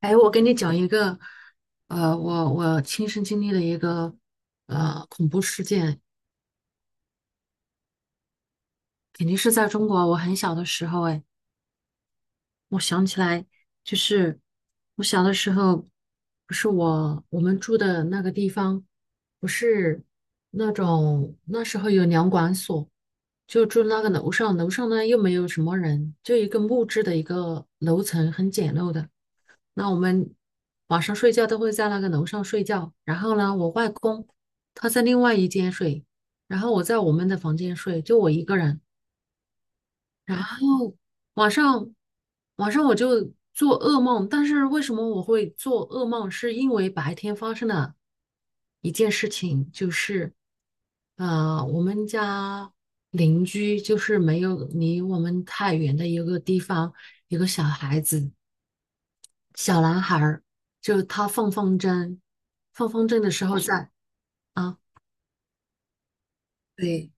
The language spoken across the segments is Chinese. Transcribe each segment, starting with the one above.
哎，我跟你讲一个，我我亲身经历的一个恐怖事件，肯定是在中国。我很小的时候，哎，我想起来，就是我小的时候，不是我们住的那个地方，不是那种那时候有粮管所，就住那个楼上，楼上呢又没有什么人，就一个木质的一个楼层，很简陋的。那我们晚上睡觉都会在那个楼上睡觉，然后呢，我外公他在另外一间睡，然后我在我们的房间睡，就我一个人。然后晚上晚上我就做噩梦，但是为什么我会做噩梦？是因为白天发生了一件事情，就是我们家邻居就是没有离我们太远的一个地方，有个小孩子。小男孩儿，就是他放风筝，放风筝的时候在啊，对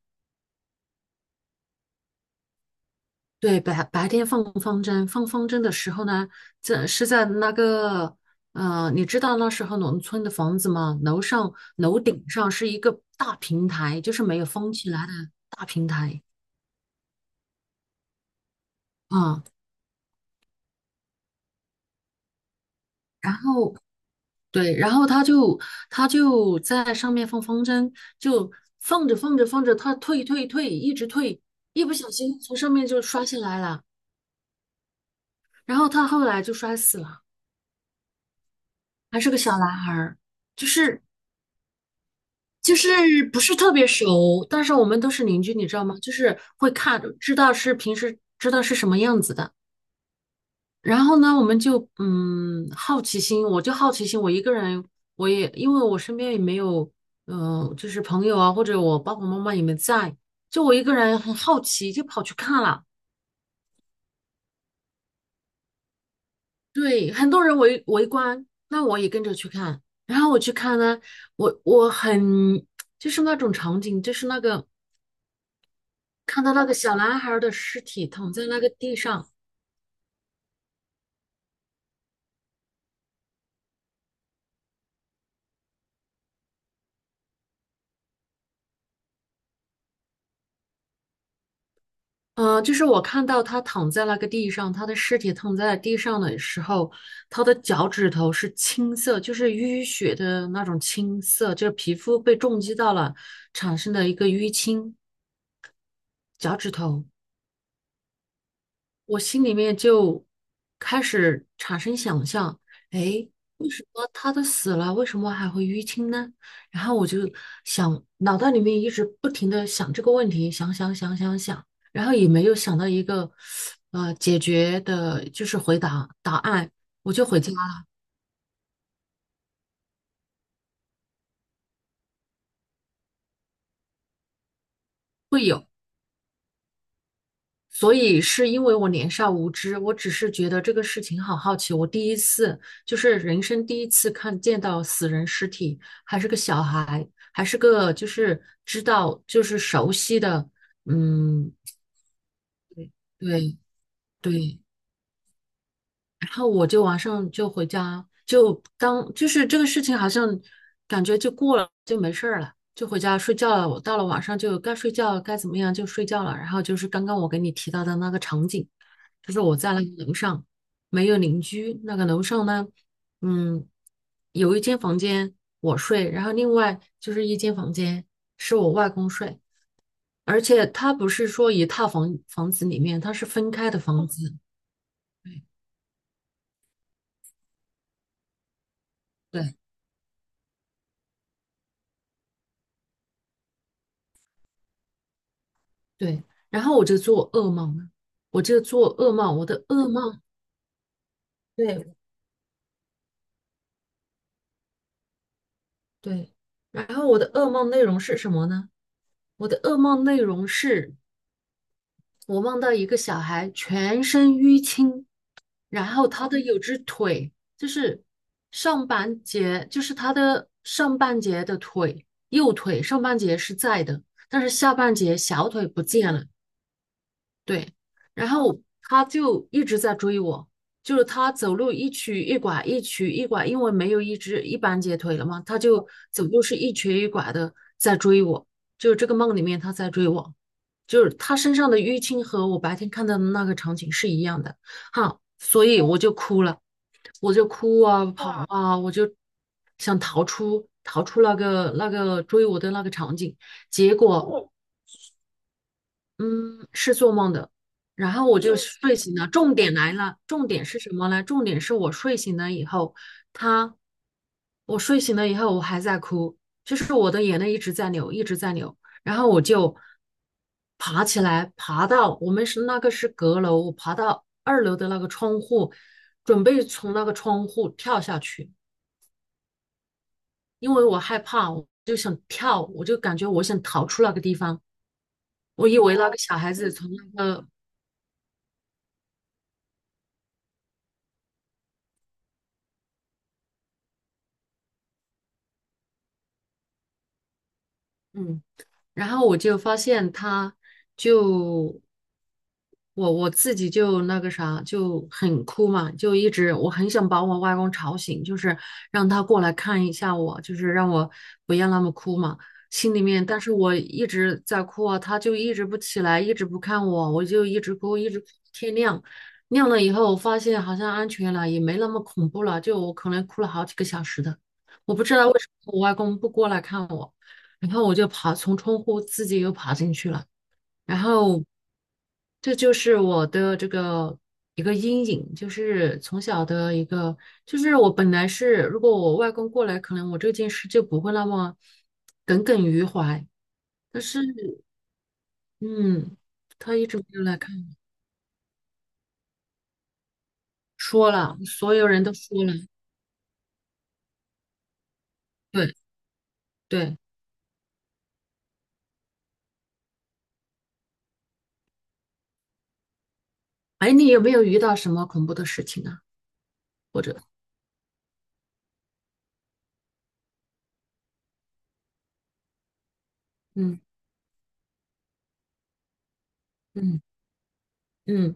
对，白天放风筝，放风筝的时候呢，这是在那个你知道那时候农村的房子吗？楼顶上是一个大平台，就是没有封起来的大平台啊，然后对，然后他就在上面放风筝，就放着放着放着，他退退退，一直退。一不小心从上面就摔下来了，然后他后来就摔死了，还是个小男孩儿，就是就是不是特别熟，但是我们都是邻居，你知道吗？就是会看，知道是平时知道是什么样子的。然后呢，我们就嗯好奇心，我就好奇心，我一个人，我也因为我身边也没有，嗯、就是朋友啊，或者我爸爸妈妈也没在，就我一个人很好奇，就跑去看了。对，很多人围观，那我也跟着去看。然后我去看呢，我我很就是那种场景，就是那个看到那个小男孩儿的尸体躺在那个地上，就是我看到他躺在那个地上，他的尸体躺在地上的时候，他的脚趾头是青色，就是淤血的那种青色，就是皮肤被重击到了产生的一个淤青，脚趾头。我心里面就开始产生想象，哎，为什么他都死了，为什么还会淤青呢？然后我就想，脑袋里面一直不停的想这个问题，想想想想想，然后也没有想到一个解决的，就是回答答案，我就回家所以是因为我年少无知，我只是觉得这个事情好好奇。我第一次就是人生第一次看见到死人尸体，还是个小孩，还是个就是知道就是熟悉的，嗯，对，对，然后我就晚上就回家，就当就是这个事情好像感觉就过了，就没事儿了，就回家睡觉了。我到了晚上就该睡觉，该怎么样就睡觉了。然后就是刚刚我给你提到的那个场景，就是我在那个楼上没有邻居，那个楼上呢，嗯，有一间房间我睡，然后另外就是一间房间是我外公睡，而且他不是说一套房房子里面，他是分开的房子。对。对，对，然后我就做噩梦了，我就做噩梦，我的噩梦，对对，然后我的噩梦内容是什么呢？我的噩梦内容是我梦到一个小孩全身淤青，然后有只腿就是上半截，就是他的上半截的腿，右腿上半截是在的，但是下半截小腿不见了，对，然后他就一直在追我，就是他走路一瘸一拐，一瘸一拐，因为没有一只一般截腿了嘛，他就走路是一瘸一拐的在追我，就是这个梦里面他在追我，就是他身上的淤青和我白天看到的那个场景是一样的，哈，所以我就哭了，我就哭啊跑啊，我就想逃出那个那个追我的那个场景，结果。嗯，是做梦的。然后我就就睡醒了。重点来了，重点是什么呢？重点是我睡醒了以后，他，我睡醒了以后，我还在哭，就是我的眼泪一直在流，一直在流。然后我就爬起来，爬到我们是那个是阁楼，我爬到二楼的那个窗户，准备从那个窗户跳下去，因为我害怕，我就想跳，我就感觉我想逃出那个地方。我以为那哦个小孩子从那个嗯然后我就发现他就我自己就那个啥就很哭嘛，就一直我很想把我外公吵醒，就是让他过来看一下我，就是让我不要那么哭嘛。心里面，但是我一直在哭啊，他就一直不起来，一直不看我，我就一直哭，一直哭天亮。亮了以后，我发现好像安全了，也没那么恐怖了，就我可能哭了好几个小时的。我不知道为什么我外公不过来看我。然后我就爬从窗户自己又爬进去了，然后这就是我的这个一个阴影，就是从小的一个，就是我本来是如果我外公过来，可能我这件事就不会那么耿耿于怀，但是嗯，他一直没有来看，说了，所有人都说了，对，对，哎，你有没有遇到什么恐怖的事情啊？或者嗯嗯嗯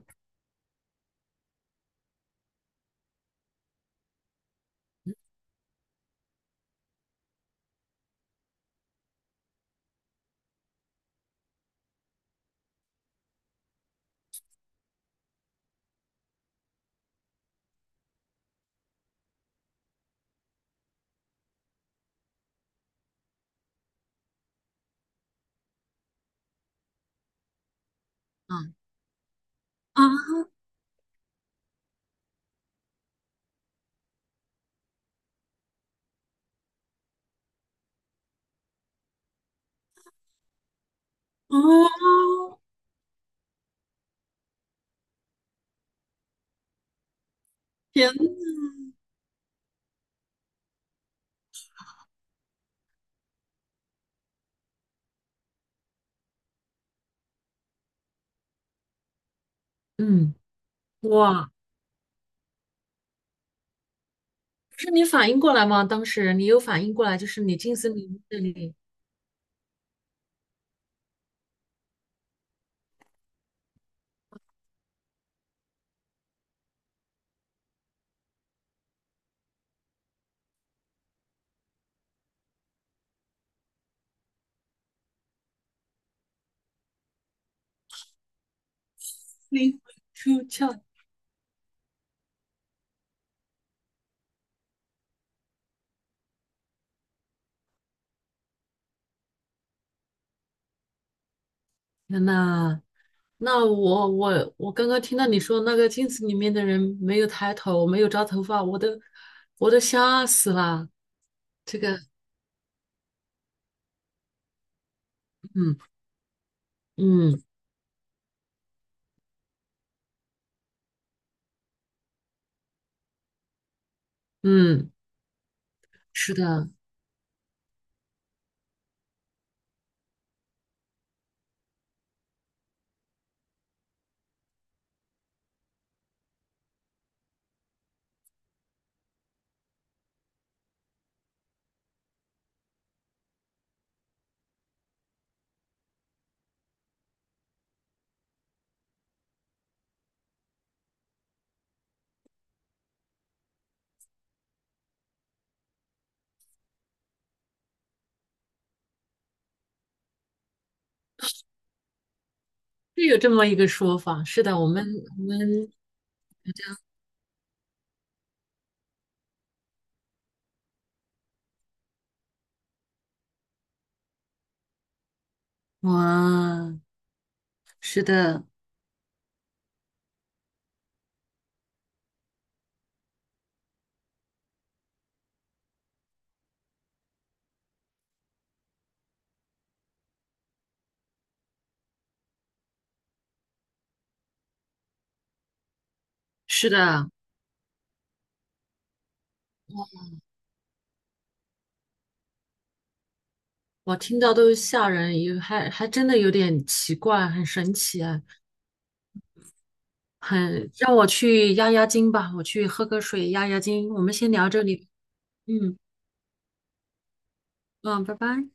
哦，天，嗯，哇。不是你反应过来吗？当时你有反应过来，就是你进森林这里灵魂出窍。天呐，那我刚刚听到你说那个镜子里面的人没有抬头，没有扎头发，我都吓死了。这个，嗯，嗯嗯，是的，是有这么一个说法。是的，我们哇，是的，是的，我听到都吓人，有还真的有点奇怪，很神奇啊。很让我去压压惊吧，我去喝个水压压惊。我们先聊这里，嗯，嗯，拜拜。